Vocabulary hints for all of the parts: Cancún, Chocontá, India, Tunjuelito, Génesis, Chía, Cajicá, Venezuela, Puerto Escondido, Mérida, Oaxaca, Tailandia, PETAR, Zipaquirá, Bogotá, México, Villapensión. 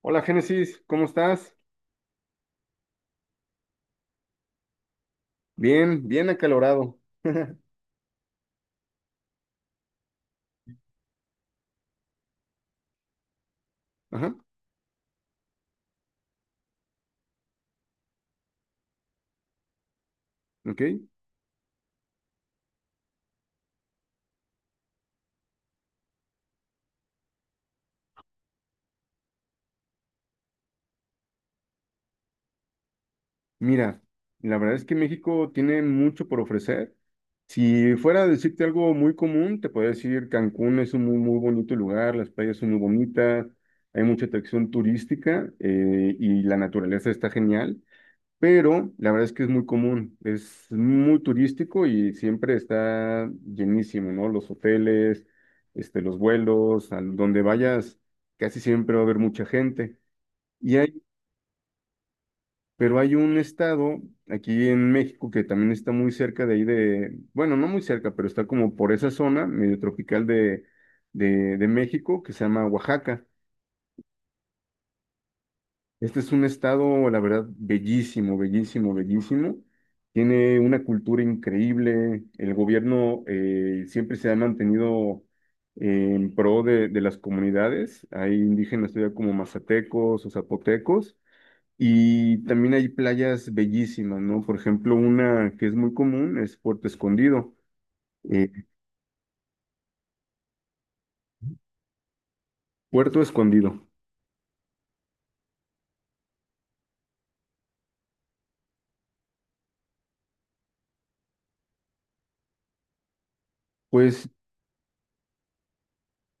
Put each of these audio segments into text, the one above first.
Hola Génesis, ¿cómo estás? Bien, bien acalorado. Ajá, ok. Mira, la verdad es que México tiene mucho por ofrecer. Si fuera a decirte algo muy común, te podría decir Cancún es un muy, muy bonito lugar, las playas son muy bonitas, hay mucha atracción turística y la naturaleza está genial. Pero la verdad es que es muy común, es muy turístico y siempre está llenísimo, ¿no? Los hoteles, este, los vuelos, a donde vayas, casi siempre va a haber mucha gente. Y hay, pero hay un estado aquí en México que también está muy cerca de ahí de, bueno, no muy cerca, pero está como por esa zona medio tropical de México que se llama Oaxaca. Este es un estado, la verdad, bellísimo, bellísimo, bellísimo. Tiene una cultura increíble. El gobierno siempre se ha mantenido en pro de las comunidades. Hay indígenas todavía como mazatecos o zapotecos. Y también hay playas bellísimas, ¿no? Por ejemplo, una que es muy común es Puerto Escondido. eh, Puerto Escondido. Pues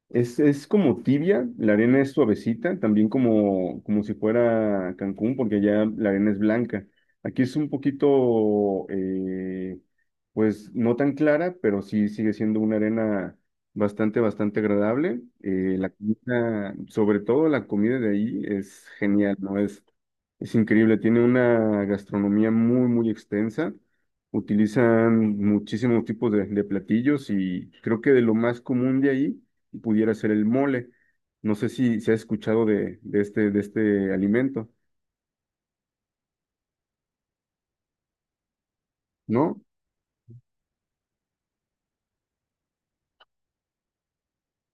es como tibia, la arena es suavecita, también como, como si fuera Cancún, porque allá la arena es blanca. Aquí es un poquito, pues no tan clara, pero sí sigue siendo una arena bastante, bastante agradable. La comida, sobre todo la comida de ahí es genial, ¿no? Es increíble, tiene una gastronomía muy, muy extensa. Utilizan muchísimos tipos de platillos y creo que de lo más común de ahí pudiera ser el mole. No sé si se ha escuchado de, de este alimento, ¿no?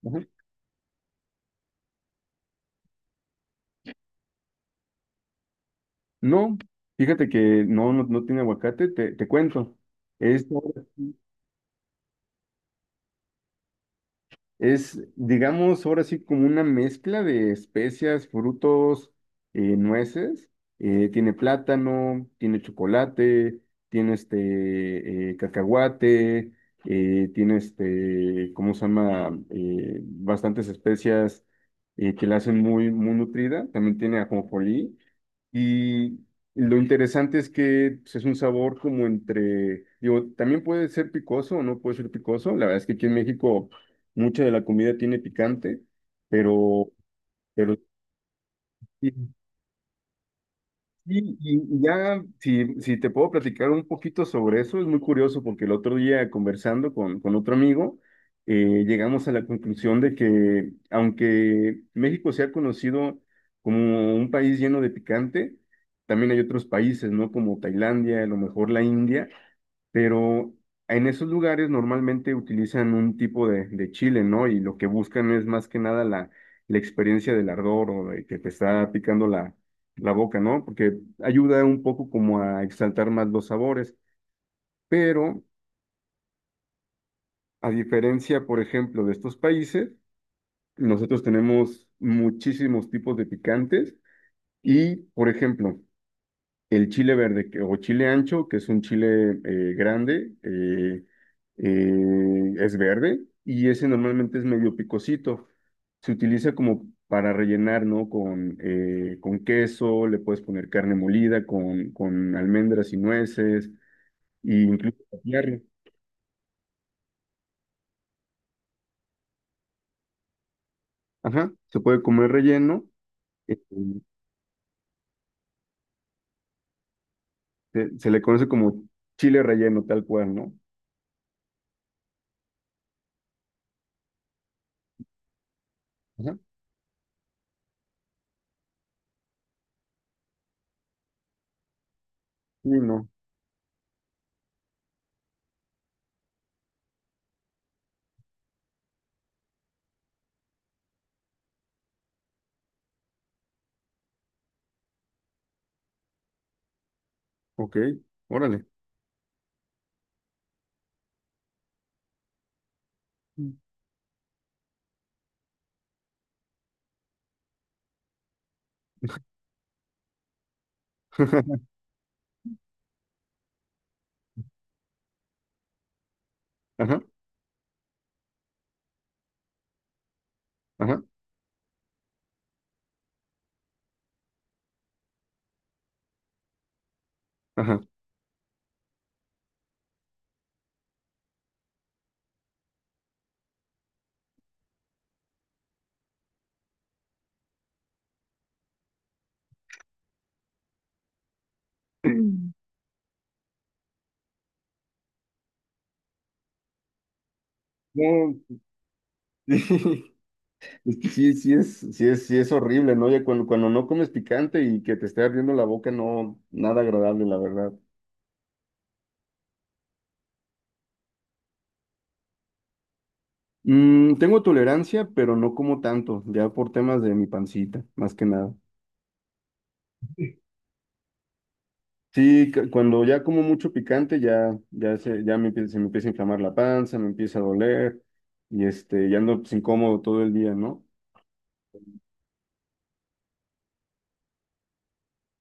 Ajá. No, fíjate que no, no, no tiene aguacate, te cuento. Es Es, digamos, ahora sí como una mezcla de especias, frutos, nueces. Tiene plátano, tiene chocolate, tiene este cacahuate, tiene este, ¿cómo se llama? Bastantes especias que la hacen muy, muy nutrida. También tiene ajonjolí. Y lo interesante es que pues, es un sabor como entre, digo, también puede ser picoso o no puede ser picoso. La verdad es que aquí en México mucha de la comida tiene picante, pero, pero sí, y, y ya, si te puedo platicar un poquito sobre eso, es muy curioso porque el otro día conversando con otro amigo, llegamos a la conclusión de que aunque México sea conocido como un país lleno de picante, también hay otros países, ¿no? Como Tailandia, a lo mejor la India, pero en esos lugares normalmente utilizan un tipo de chile, ¿no? Y lo que buscan es más que nada la, la experiencia del ardor o de que te está picando la, la boca, ¿no? Porque ayuda un poco como a exaltar más los sabores. Pero a diferencia, por ejemplo, de estos países, nosotros tenemos muchísimos tipos de picantes y, por ejemplo, el chile verde que- o chile ancho, que es un chile grande, es verde y ese normalmente es medio picosito. Se utiliza como para rellenar, ¿no? Con queso, le puedes poner carne molida, con almendras y nueces, e incluso caviar. Ajá, se puede comer relleno, eh, se, se le conoce como chile relleno, tal cual, ¿no? Ajá. Y no, ok, órale. Ajá, ajá, ajá, ajá. No, sí, es que sí, sí es, sí es, sí es horrible, ¿no? Ya cuando, cuando no comes picante y que te esté ardiendo la boca, no, nada agradable, la verdad. Mm, tengo tolerancia, pero no como tanto, ya por temas de mi pancita, más que nada. Sí, cu- cuando ya como mucho picante, ya, ya se, ya me empieza, se me empieza a inflamar la panza, me empieza a doler, y este, ya ando pues, incómodo todo el día, ¿no?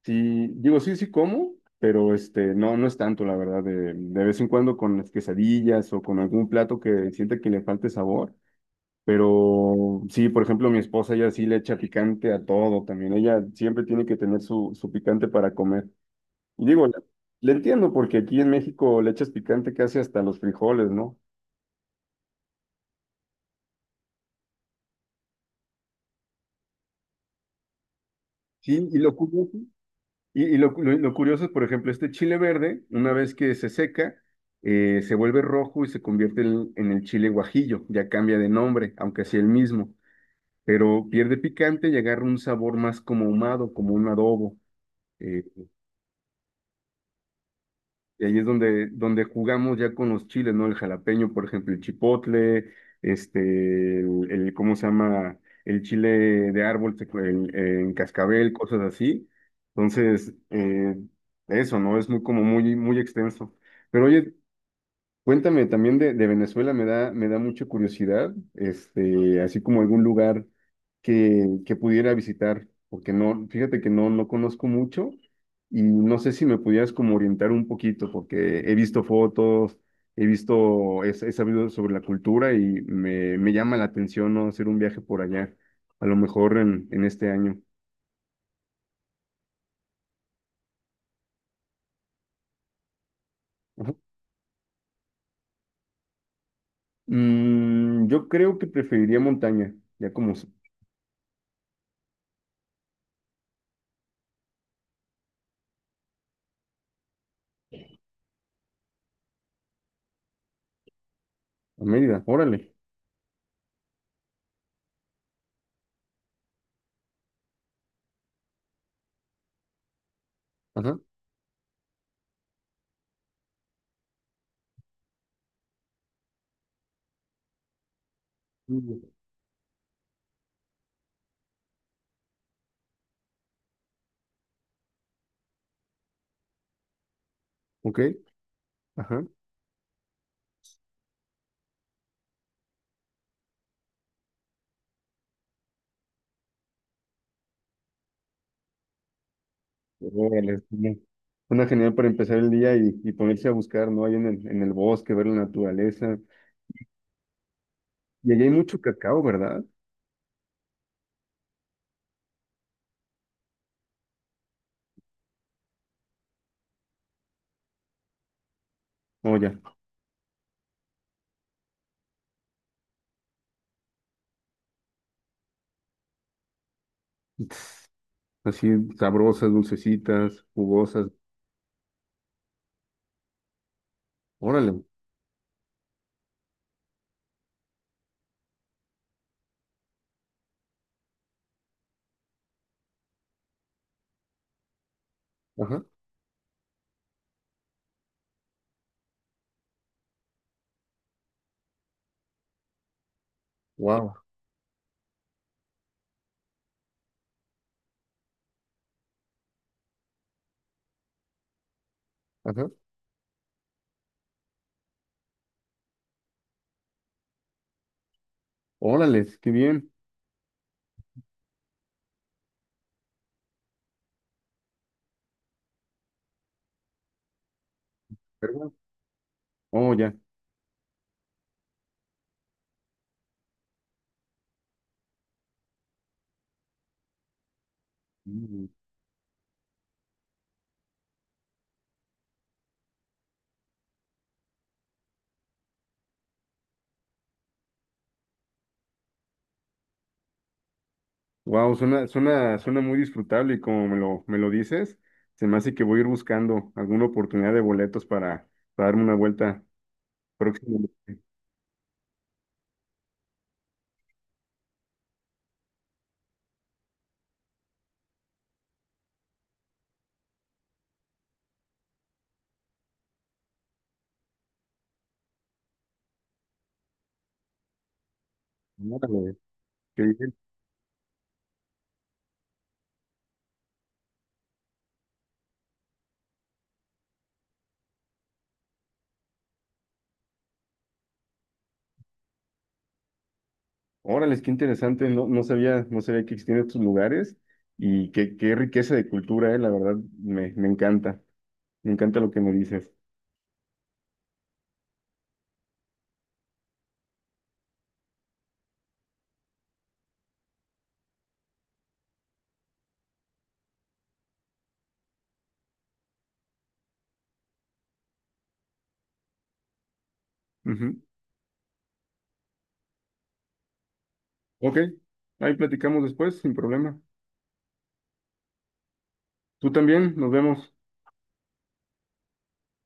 Sí, digo, sí, sí como, pero este, no, no es tanto, la verdad, de vez en cuando con las quesadillas o con algún plato que sienta que le falte sabor, pero sí, por ejemplo, mi esposa ella sí le echa picante a todo también, ella siempre tiene que tener su, su picante para comer. Y digo, le entiendo porque aquí en México le echas picante casi hasta los frijoles, ¿no? Sí, y lo curioso y lo, lo curioso es, por ejemplo, este chile verde, una vez que se seca, se vuelve rojo y se convierte en el chile guajillo, ya cambia de nombre, aunque sea el mismo, pero pierde picante y agarra un sabor más como ahumado, como un adobo. Eh, y ahí es donde, donde jugamos ya con los chiles, ¿no? El jalapeño, por ejemplo, el chipotle, este, ¿cómo se llama? El chile de árbol en cascabel, cosas así. Entonces, eso, ¿no? Es muy como muy, muy extenso. Pero oye, cuéntame también de Venezuela, me da mucha curiosidad, este, así como algún lugar que pudiera visitar, porque no, fíjate que no, no conozco mucho y no sé si me pudieras como orientar un poquito, porque he visto fotos, he visto, he, he sabido sobre la cultura y me llama la atención, ¿no? Hacer un viaje por allá, a lo mejor en este año. Ajá. Mm, yo creo que preferiría montaña, ya como s- a Mérida, órale. Ajá. Mm, ok. Ajá. Órale, es una genial para empezar el día y ponerse a buscar, ¿no? Ahí en el bosque, ver la naturaleza. Y allá hay mucho cacao, ¿verdad? Oye, así sabrosas, dulcecitas, jugosas. Órale. Ajá. Wow. Ajá. Órale, qué bien. ¿Verdad? Oh, ya. Wow, suena, suena, suena muy disfrutable y como me lo dices, se me hace que voy a ir buscando alguna oportunidad de boletos para darme una vuelta próximamente. Órale, qué bien. Órale, qué interesante, no, no sabía, no sabía que existían estos lugares y qué, qué riqueza de cultura, la verdad, me, me encanta lo que me dices. Ujú. Ok, ahí platicamos después, sin problema. Tú también, nos vemos.